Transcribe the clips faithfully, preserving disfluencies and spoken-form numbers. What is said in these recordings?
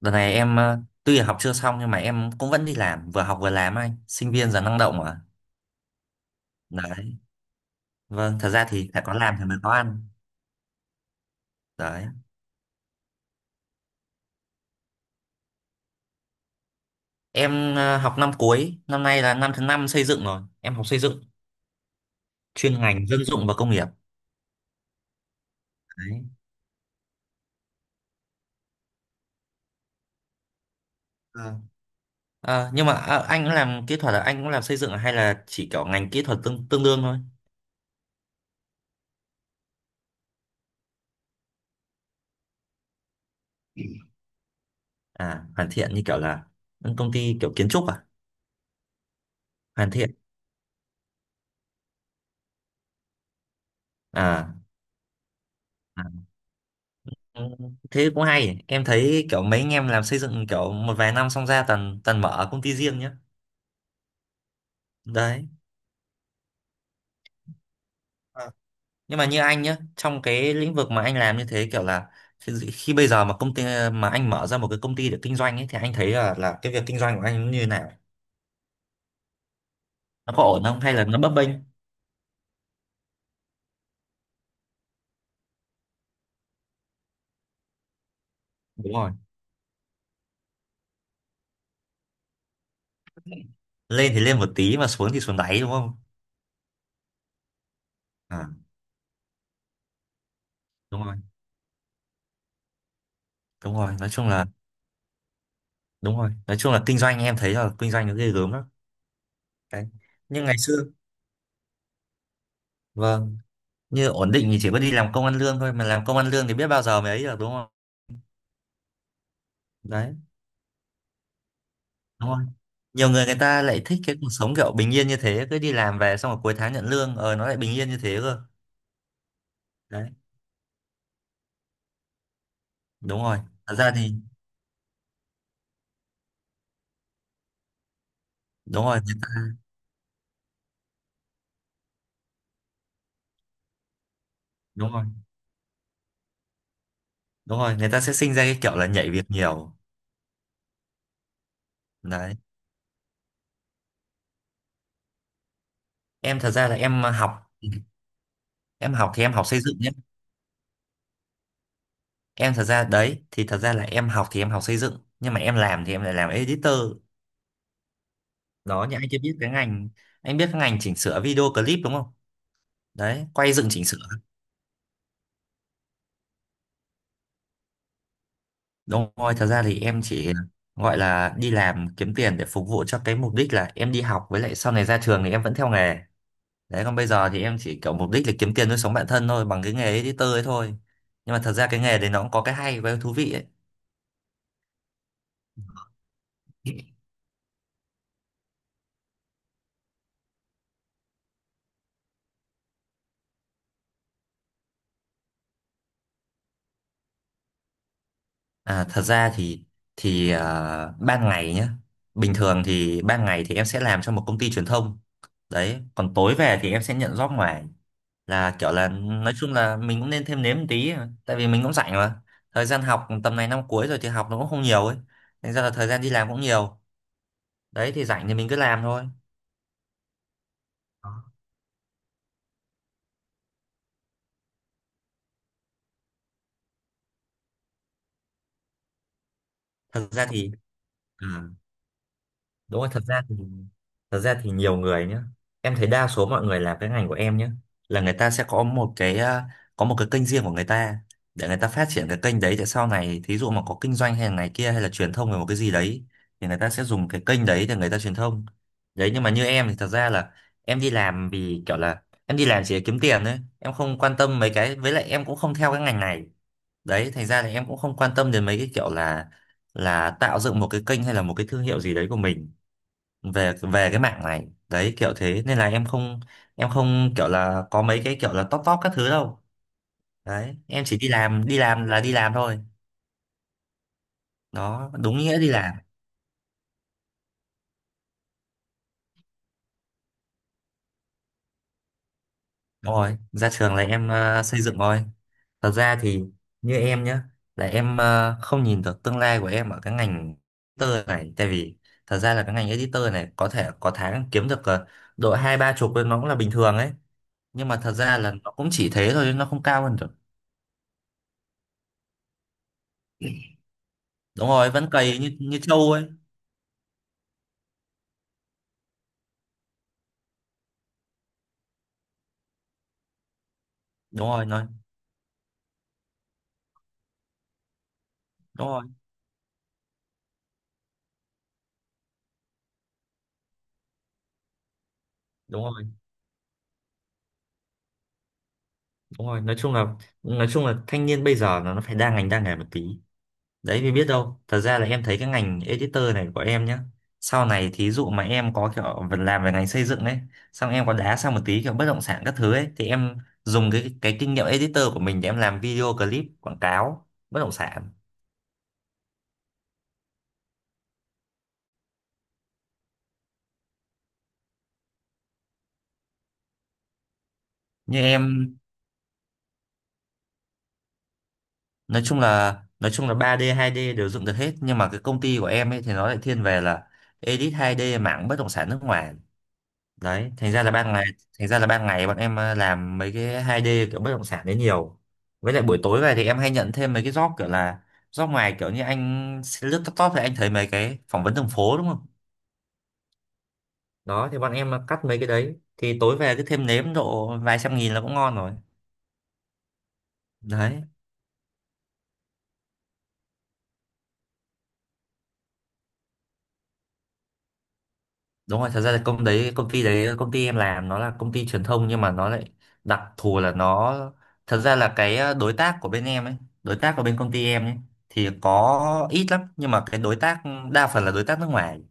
Đợt này em ờ, tuy là học chưa xong nhưng mà em cũng vẫn đi làm, vừa học vừa làm anh, sinh viên giờ năng động mà. Đấy. Vâng, thật ra thì phải có làm thì mới có ăn. Đấy. Em ờ, học năm cuối, năm nay là năm thứ năm xây dựng rồi. Em học xây dựng, chuyên ngành dân dụng và công nghiệp. Đấy. Vâng. Ờ, nhưng mà ờ, anh cũng làm kỹ thuật là anh cũng làm xây dựng à? Hay là chỉ kiểu ngành kỹ thuật tương tương đương thôi? À, hoàn thiện như kiểu là công ty kiểu kiến trúc à? Hoàn thiện. À, à. Ừ, thế cũng hay, em thấy kiểu mấy anh em làm xây dựng kiểu một vài năm xong ra toàn toàn mở công ty riêng nhá. Đấy. À, nhưng mà như anh nhá, trong cái lĩnh vực mà anh làm như thế kiểu là khi, khi bây giờ mà công ty mà anh mở ra một cái công ty để kinh doanh ấy, thì anh thấy là là cái việc kinh doanh của anh nó như thế nào, nó có ổn không hay là nó bấp bênh? Đúng rồi, lên thì lên một tí mà xuống thì xuống đáy đúng không? À, đúng rồi. Đúng rồi, nói chung là, đúng rồi, nói chung là kinh doanh em thấy là kinh doanh nó ghê gớm lắm. Đấy, nhưng ngày xưa, vâng, như ổn định thì chỉ có đi làm công ăn lương thôi, mà làm công ăn lương thì biết bao giờ mới ấy được, đúng không? Đấy, đúng không, nhiều người, người ta lại thích cái cuộc sống kiểu bình yên như thế, cứ đi làm về xong rồi cuối tháng nhận lương, ờ nó lại bình yên như thế cơ. Đấy, đúng rồi, thật ra thì đúng rồi, người ta, đúng rồi. Đúng rồi, người ta sẽ sinh ra cái kiểu là nhảy việc nhiều. Đấy, em thật ra là em học em học thì em học xây dựng nhé. Em thật ra đấy thì thật ra là em học thì em học xây dựng, nhưng mà em làm thì em lại làm editor. Đó, nhưng anh chưa biết cái ngành, anh biết cái ngành chỉnh sửa video clip đúng không? Đấy, quay dựng chỉnh sửa. Đúng rồi, thật ra thì em chỉ gọi là đi làm kiếm tiền để phục vụ cho cái mục đích là em đi học, với lại sau này ra trường thì em vẫn theo nghề. Đấy, còn bây giờ thì em chỉ kiểu mục đích là kiếm tiền nuôi sống bản thân thôi, bằng cái nghề editor ấy thôi. Nhưng mà thật ra cái nghề đấy nó cũng có cái hay và cái thú vị ấy. À, thật ra thì thì ờ, ban ngày nhá, bình thường thì ban ngày thì em sẽ làm cho một công ty truyền thông. Đấy, còn tối về thì em sẽ nhận job ngoài, là kiểu là nói chung là mình cũng nên thêm nếm một tí, tại vì mình cũng rảnh mà. Thời gian học tầm này năm cuối rồi thì học nó cũng không nhiều ấy, thành ra là thời gian đi làm cũng nhiều. Đấy thì rảnh thì mình cứ làm thôi. Thật ra thì, ừ. Đúng rồi, thật ra thì thật ra thì nhiều người nhé, em thấy đa số mọi người làm cái ngành của em nhé, là người ta sẽ có một cái, à, có một cái kênh riêng của người ta, để người ta phát triển cái kênh đấy, để sau này thí dụ mà có kinh doanh hay là này kia hay là truyền thông về một cái gì đấy, thì người ta sẽ dùng cái kênh đấy để người ta truyền thông. Đấy, nhưng mà như em thì thật ra là em đi làm vì kiểu là em đi làm chỉ để kiếm tiền thôi, em không quan tâm mấy cái, với lại em cũng không theo cái ngành này. Đấy thành ra là em cũng không quan tâm đến mấy cái kiểu là là tạo dựng một cái kênh hay là một cái thương hiệu gì đấy của mình, về về cái mạng này đấy, kiểu thế, nên là em không, em không kiểu là có mấy cái kiểu là top top các thứ đâu. Đấy em chỉ đi làm, đi làm là đi làm thôi. Đó, đúng nghĩa đi làm. Đúng rồi, ra trường là em ờ, xây dựng thôi. Thật ra thì như em nhá, là em ờ, không nhìn được tương lai của em ở cái ngành editor này, tại vì thật ra là cái ngành editor này có thể có tháng kiếm được ờ, độ hai ba chục lên nó cũng là bình thường ấy, nhưng mà thật ra là nó cũng chỉ thế thôi, nó không cao hơn được. Đúng rồi, vẫn cày như như trâu ấy. Đúng rồi, nói, đúng rồi, đúng rồi. Đúng rồi, nói chung là nói chung là thanh niên bây giờ nó nó phải đa ngành đa nghề một tí. Đấy, vì biết đâu thật ra là em thấy cái ngành editor này của em nhá, sau này thí dụ mà em có kiểu vẫn làm về ngành xây dựng ấy, xong em có đá sang một tí kiểu bất động sản các thứ ấy, thì em dùng cái cái kinh nghiệm editor của mình để em làm video clip quảng cáo bất động sản. Như em, nói chung là nói chung là ba d hai d đều dựng được hết, nhưng mà cái công ty của em ấy thì nó lại thiên về là edit hai d mảng bất động sản nước ngoài. Đấy thành ra là ban ngày, thành ra là ban ngày bọn em ờ, làm mấy cái hai d kiểu bất động sản đấy nhiều. Với lại buổi tối về thì em hay nhận thêm mấy cái job kiểu llà job ngoài, kiểu như anh lướt laptop thì anh thấy mấy cái phỏng vấn đường phố đúng không? Đó thì bọn em cắt mấy cái đấy thì tối về cứ thêm nếm độ vài trăm nghìn là cũng ngon rồi. Đấy. Đúng rồi, thật ra là công đấy công ty đấy công ty em làm nó là công ty truyền thông, nhưng mà nó lại đặc thù là nó, thật ra là cái ờ, đối tác của bên em ấy, đối tác của bên công ty em ấy thì có ít lắm, nhưng mà cái đối tác đa phần là đối tác nước ngoài.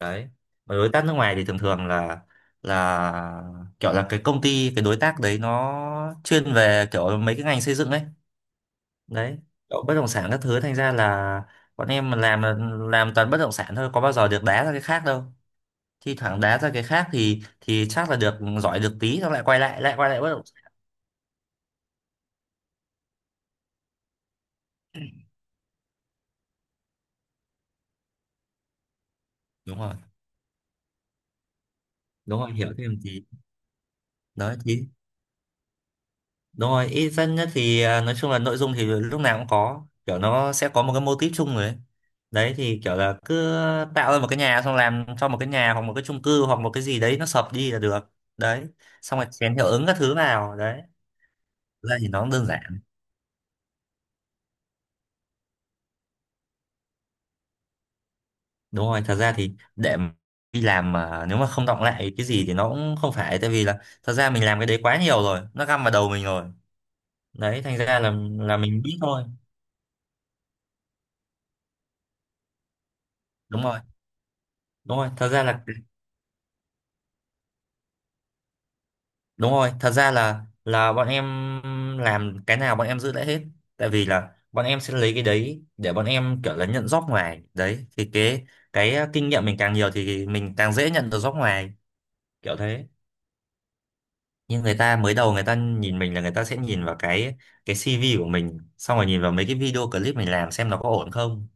Đấy, mà đối tác nước ngoài thì thường thường là là kiểu là cái công ty, cái đối tác đấy nó chuyên về kiểu mấy cái ngành xây dựng ấy. Đấy, kiểu bất động sản các thứ, thành ra là bọn em mà làm là làm toàn bất động sản thôi, có bao giờ được đá ra cái khác đâu. Thi thoảng đá ra cái khác thì thì chắc là được giỏi được tí xong lại quay lại, lại quay lại bắt đầu. Đúng rồi. Đúng rồi, hiểu thêm tí. Đấy thì đúng rồi, ít dân nhất thì à, nói chung là nội dung thì lúc nào cũng có kiểu nó sẽ có một cái mô típ chung rồi ấy. Đấy thì kiểu là cứ tạo ra một cái nhà xong làm cho một cái nhà hoặc một cái chung cư hoặc một cái gì đấy nó sập đi là được. Đấy, xong rồi chèn hiệu ứng các thứ vào đấy. Thực ra thì nó cũng đơn giản. Đúng rồi, thật ra thì để mà đi làm mà nếu mà không đọng lại cái gì thì nó cũng không phải, tại vì là thật ra mình làm cái đấy quá nhiều rồi, nó găm vào đầu mình rồi. Đấy thành ra là là mình biết thôi. Đúng rồi. Đúng rồi, thật ra là đúng rồi, thật ra là là bọn em làm cái nào bọn em giữ lại hết, tại vì là bọn em sẽ lấy cái đấy để bọn em kiểu là nhận job ngoài. Đấy thì cái cái ờ, kinh nghiệm mình càng nhiều thì mình càng dễ nhận được job ngoài, kiểu thế. Nhưng người ta mới đầu người ta nhìn mình là người ta sẽ nhìn vào cái cái xi vi của mình, xong rồi nhìn vào mấy cái video clip mình làm xem nó có ổn không.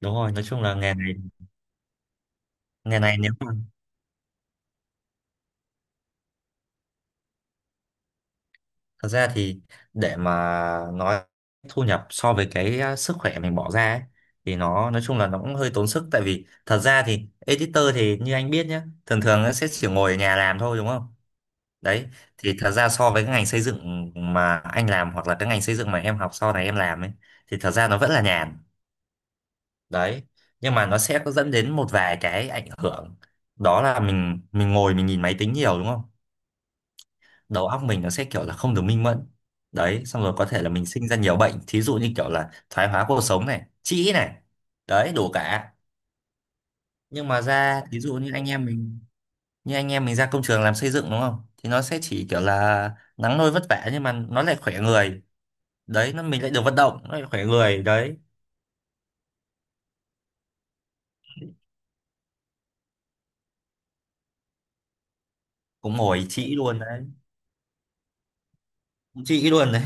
Đúng rồi, nói chung là nghề này, nghề này nếu mà thật ra thì để mà nói thu nhập so với cái uh, sức khỏe mình bỏ ra ấy, thì nó nói chung là nó cũng hơi tốn sức, tại vì thật ra thì editor thì như anh biết nhá, thường thường nó sẽ chỉ ngồi ở nhà làm thôi đúng không? Đấy thì thật ra so với cái ngành xây dựng mà anh làm, hoặc là cái ngành xây dựng mà em học sau này em làm ấy, thì thật ra nó vẫn là nhàn. Đấy, nhưng mà nó sẽ có dẫn đến một vài cái ảnh hưởng, đó là mình mình ngồi mình nhìn máy tính nhiều đúng không? Đầu óc mình nó sẽ kiểu là không được minh mẫn. Đấy, xong rồi có thể là mình sinh ra nhiều bệnh, thí dụ như kiểu là thoái hóa cột sống này, trĩ này. Đấy, đủ cả. Nhưng mà ra thí dụ như anh em mình, như anh em mình ra công trường làm xây dựng đúng không, thì nó sẽ chỉ kiểu là nắng nôi vất vả, nhưng mà nó lại khỏe người. Đấy, nó mình lại được vận động, nó lại khỏe người. Đấy, cũng ngồi trĩ luôn đấy, cũng trĩ luôn đấy.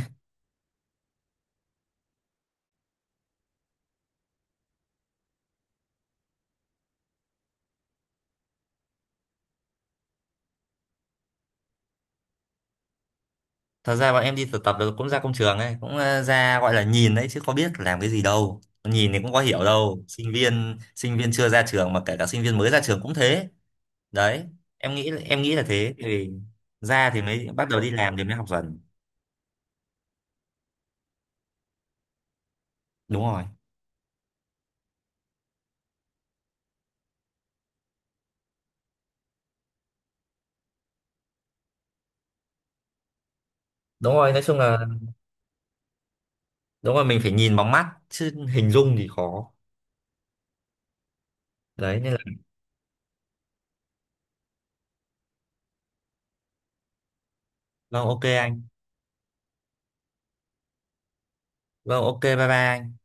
Thật ra bọn em đi thực tập được cũng ra công trường ấy, cũng ờ, ra gọi là nhìn đấy chứ có biết làm cái gì đâu, nhìn thì cũng có hiểu đâu, sinh viên sinh viên chưa ra trường mà, kể cả sinh viên mới ra trường cũng thế. Đấy, em nghĩ em nghĩ là thế thì ra thì mới bắt đầu đi làm thì mới học dần. Đúng rồi. Đúng rồi, nói chung là đúng rồi, mình phải nhìn bằng mắt chứ hình dung thì khó. Đấy nên là vâng, ok anh. Vâng, ok, bye bye anh.